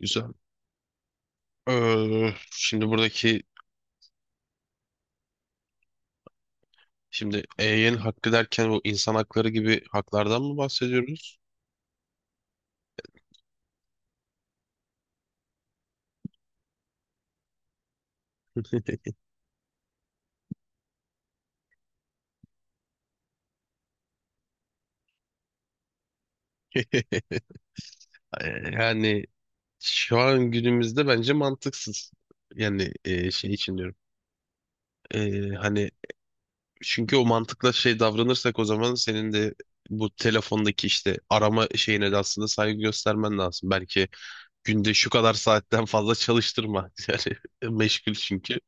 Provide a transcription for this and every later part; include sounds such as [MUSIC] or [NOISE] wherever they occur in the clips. Güzel. Şimdi buradaki EY'nin hakkı derken bu insan hakları gibi haklardan mı bahsediyoruz? [LAUGHS] Ee, Yani Şu an günümüzde bence mantıksız. Yani şey için diyorum. Hani çünkü o mantıkla şey davranırsak, o zaman senin de bu telefondaki işte arama şeyine de aslında saygı göstermen lazım. Belki günde şu kadar saatten fazla çalıştırma. [LAUGHS] Yani meşgul çünkü.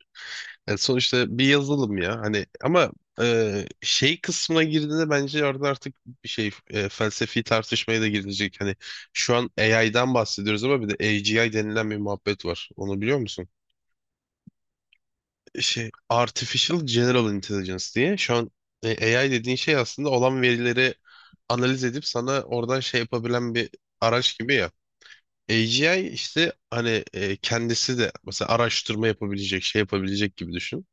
Yani sonuçta bir yazılım ya hani, ama şey kısmına girdiğinde bence orada artık bir şey felsefi tartışmaya da girilecek. Hani şu an AI'dan bahsediyoruz ama bir de AGI denilen bir muhabbet var. Onu biliyor musun? Şey, Artificial General Intelligence diye, şu an AI dediğin şey aslında olan verileri analiz edip sana oradan şey yapabilen bir araç gibi ya. AGI işte, hani, kendisi de mesela araştırma yapabilecek, şey yapabilecek gibi düşün.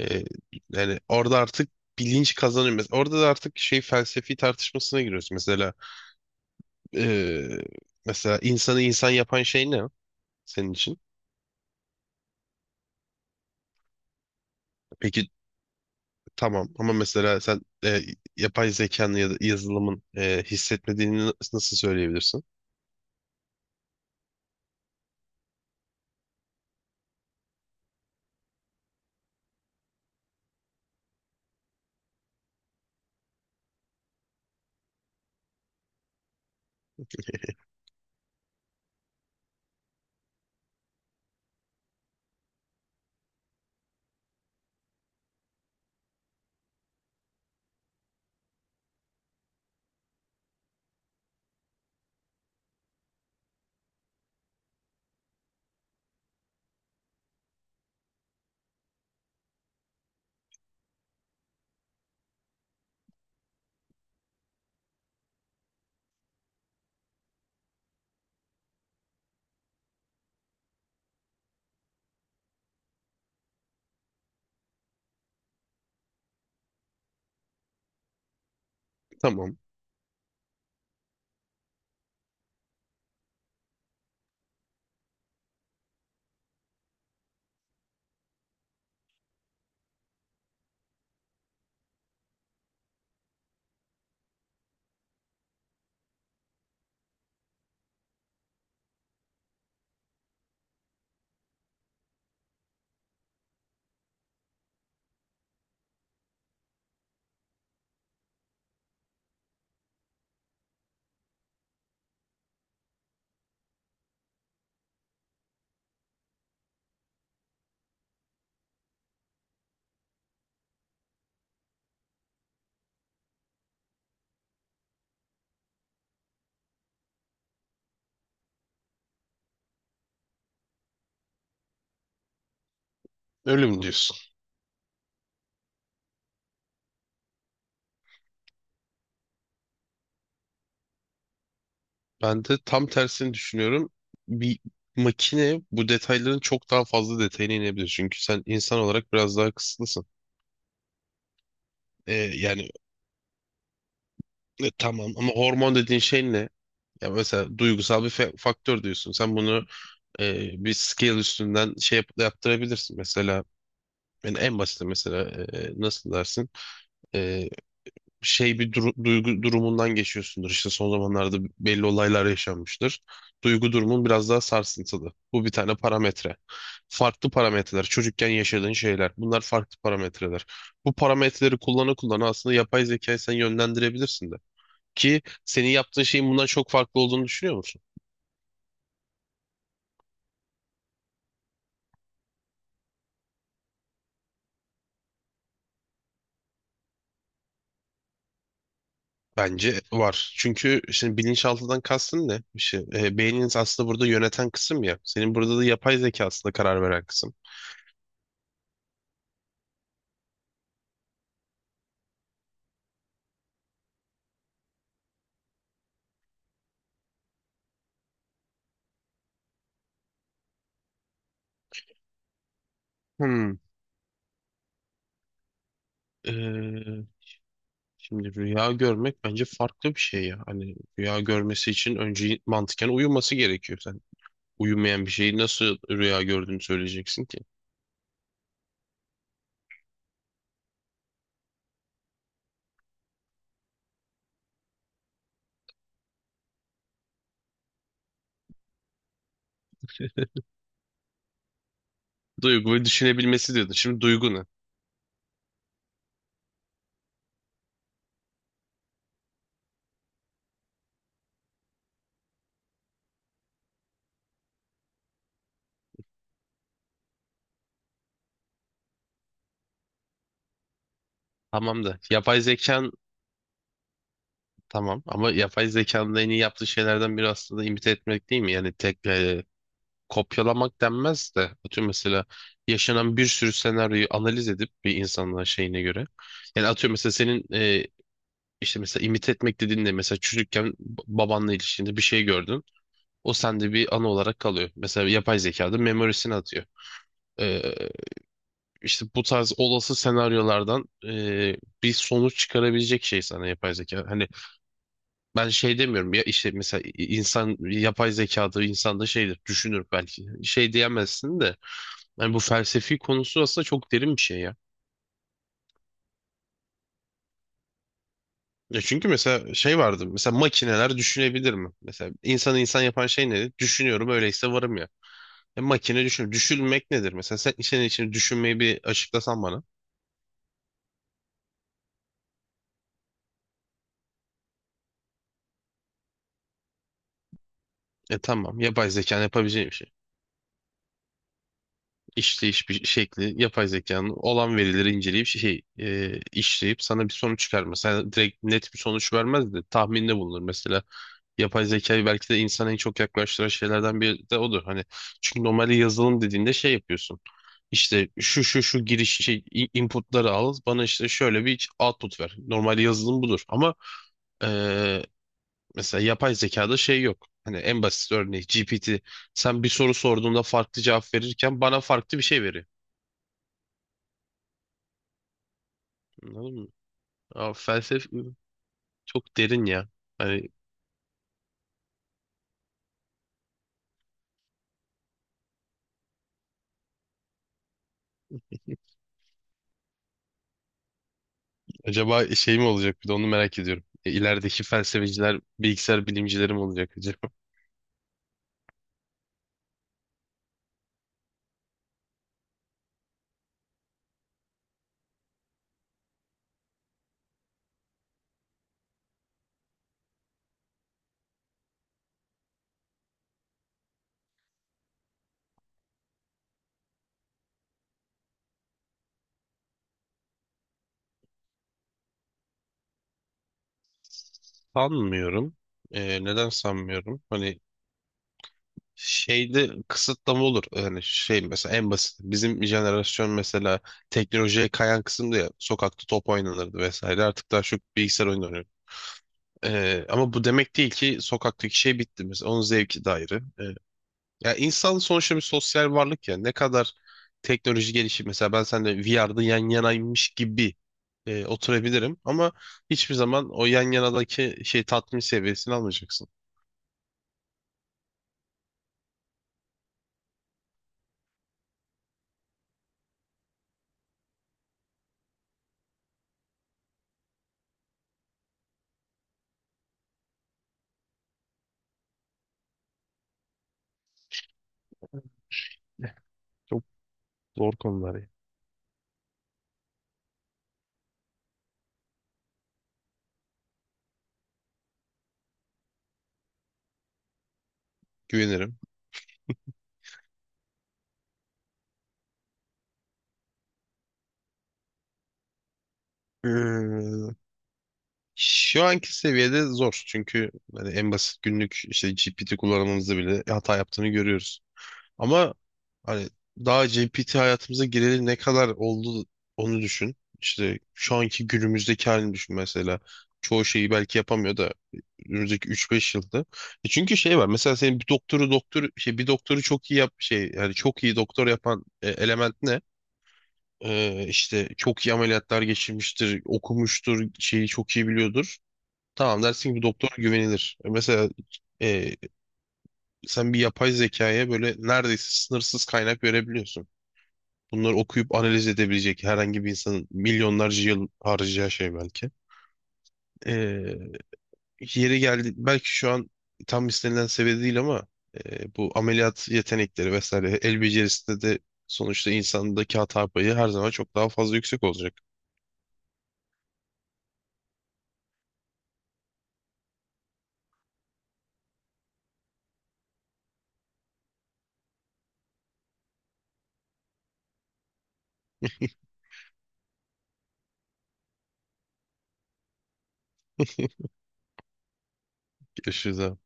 Ee, Yani orada artık bilinç kazanıyor. Orada da artık şey, felsefi tartışmasına giriyoruz. Mesela ee, mesela insanı insan yapan şey ne senin için? Peki tamam ama mesela sen yapay zekanın ya da yazılımın hissetmediğini nasıl söyleyebilirsin? Tamam. Öyle mi diyorsun? Ben de tam tersini düşünüyorum. Bir makine bu detayların çok daha fazla detayına inebilir. Çünkü sen insan olarak biraz daha kısıtlısın. Ee, yani tamam ama hormon dediğin şey ne? Ya mesela duygusal bir faktör diyorsun. Sen bunu bir scale üstünden şey yaptırabilirsin. Mesela yani en basit, mesela nasıl dersin? E, Şey, bir duygu durumundan geçiyorsundur. İşte son zamanlarda belli olaylar yaşanmıştır. Duygu durumun biraz daha sarsıntılı. Bu bir tane parametre. Farklı parametreler. Çocukken yaşadığın şeyler. Bunlar farklı parametreler. Bu parametreleri kullana kullana aslında yapay zekayı sen yönlendirebilirsin de. Ki senin yaptığın şeyin bundan çok farklı olduğunu düşünüyor musun? Bence var. Çünkü şimdi bilinçaltından kastın ne? İşte, beyniniz aslında burada yöneten kısım ya. Senin burada da yapay zeka aslında karar veren kısım. Hmm. e, Şimdi rüya görmek bence farklı bir şey ya. Hani rüya görmesi için önce mantıken uyuması gerekiyor. Sen uyumayan bir şeyi nasıl rüya gördüğünü söyleyeceksin ki? Duyguyu düşünebilmesi diyordun. Şimdi duygu ne? Tamam da yapay zekan tamam ama yapay zekanın en iyi yaptığı şeylerden biri aslında imite etmek değil mi? Yani tek, kopyalamak denmez de, atıyorum, mesela yaşanan bir sürü senaryoyu analiz edip bir insanın şeyine göre. Yani atıyorum, mesela senin işte mesela imit etmek dediğin de, mesela çocukken babanla ilişkinde bir şey gördün. O sende bir anı olarak kalıyor. Mesela yapay zekada memorisini atıyor. E, işte bu tarz olası senaryolardan bir sonuç çıkarabilecek şey sana, yapay zeka. Hani ben şey demiyorum ya, işte mesela insan yapay zekada, insan da şeydir düşünür belki. Şey diyemezsin de. Yani bu felsefi konusu aslında çok derin bir şey ya. Ya çünkü mesela şey vardı. Mesela makineler düşünebilir mi? Mesela insanı insan yapan şey nedir? Düşünüyorum öyleyse varım ya. E makine düşün. Düşünmek nedir? Mesela sen senin için düşünmeyi bir açıklasan bana. E tamam. Yapay zekanın yapabileceği bir şey. İşleyiş bir şekli, yapay zekanın olan verileri inceleyip şey işleyip sana bir sonuç çıkarmaz. Sana direkt net bir sonuç vermez de tahminde bulunur mesela. Yapay zekayı belki de insana en çok yaklaştıran şeylerden biri de odur. Hani çünkü normalde yazılım dediğinde şey yapıyorsun. İşte şu şu şu giriş şey inputları al, bana işte şöyle bir output ver. Normal yazılım budur ama eee, mesela yapay zekada şey yok. Hani en basit örneği GPT, sen bir soru sorduğunda farklı cevap verirken bana farklı bir şey veriyor. Anladın mı? Aa, felsefe çok derin ya. Hani acaba şey mi olacak, bir de onu merak ediyorum. İlerideki felsefeciler, bilgisayar bilimcileri mi olacak acaba? Sanmıyorum. Neden sanmıyorum? Hani şeyde kısıtlama olur. Yani şey, mesela en basit. Bizim jenerasyon mesela teknolojiye kayan kısımda ya, sokakta top oynanırdı vesaire. Artık daha çok bilgisayar oyunu oynuyor. Ama bu demek değil ki sokaktaki şey bitti mesela. Onun zevki de ayrı. Ya insan sonuçta bir sosyal varlık ya. Ne kadar teknoloji gelişir. Mesela ben seninle VR'da yan yanaymış gibi oturabilirim. Ama hiçbir zaman o yan yanadaki şey tatmin seviyesini almayacaksın. Zor konular ya. Güvenirim. Ee, Şu anki seviyede zor. Çünkü hani en basit günlük işte GPT kullanmamızda bile hata yaptığını görüyoruz. Ama hani daha GPT hayatımıza gireli ne kadar oldu onu düşün. İşte şu anki günümüzdeki halini düşün mesela. Çoğu şeyi belki yapamıyor da önümüzdeki 3-5 yılda. E çünkü şey var. Mesela senin bir doktoru doktor şey bir doktoru çok iyi yap şey yani çok iyi doktor yapan element. İşte çok iyi ameliyatlar geçirmiştir, okumuştur, şeyi çok iyi biliyordur. Tamam dersin ki bu doktor güvenilir. E, mesela e, sen bir yapay zekaya böyle neredeyse sınırsız kaynak verebiliyorsun. Bunları okuyup analiz edebilecek herhangi bir insanın milyonlarca yıl harcayacağı şey belki. Ee, Yeri geldi belki şu an tam istenilen seviyede değil ama bu ameliyat yetenekleri vesaire el becerisinde de sonuçta insandaki hata payı her zaman çok daha fazla yüksek olacak. Görüşürüz abi.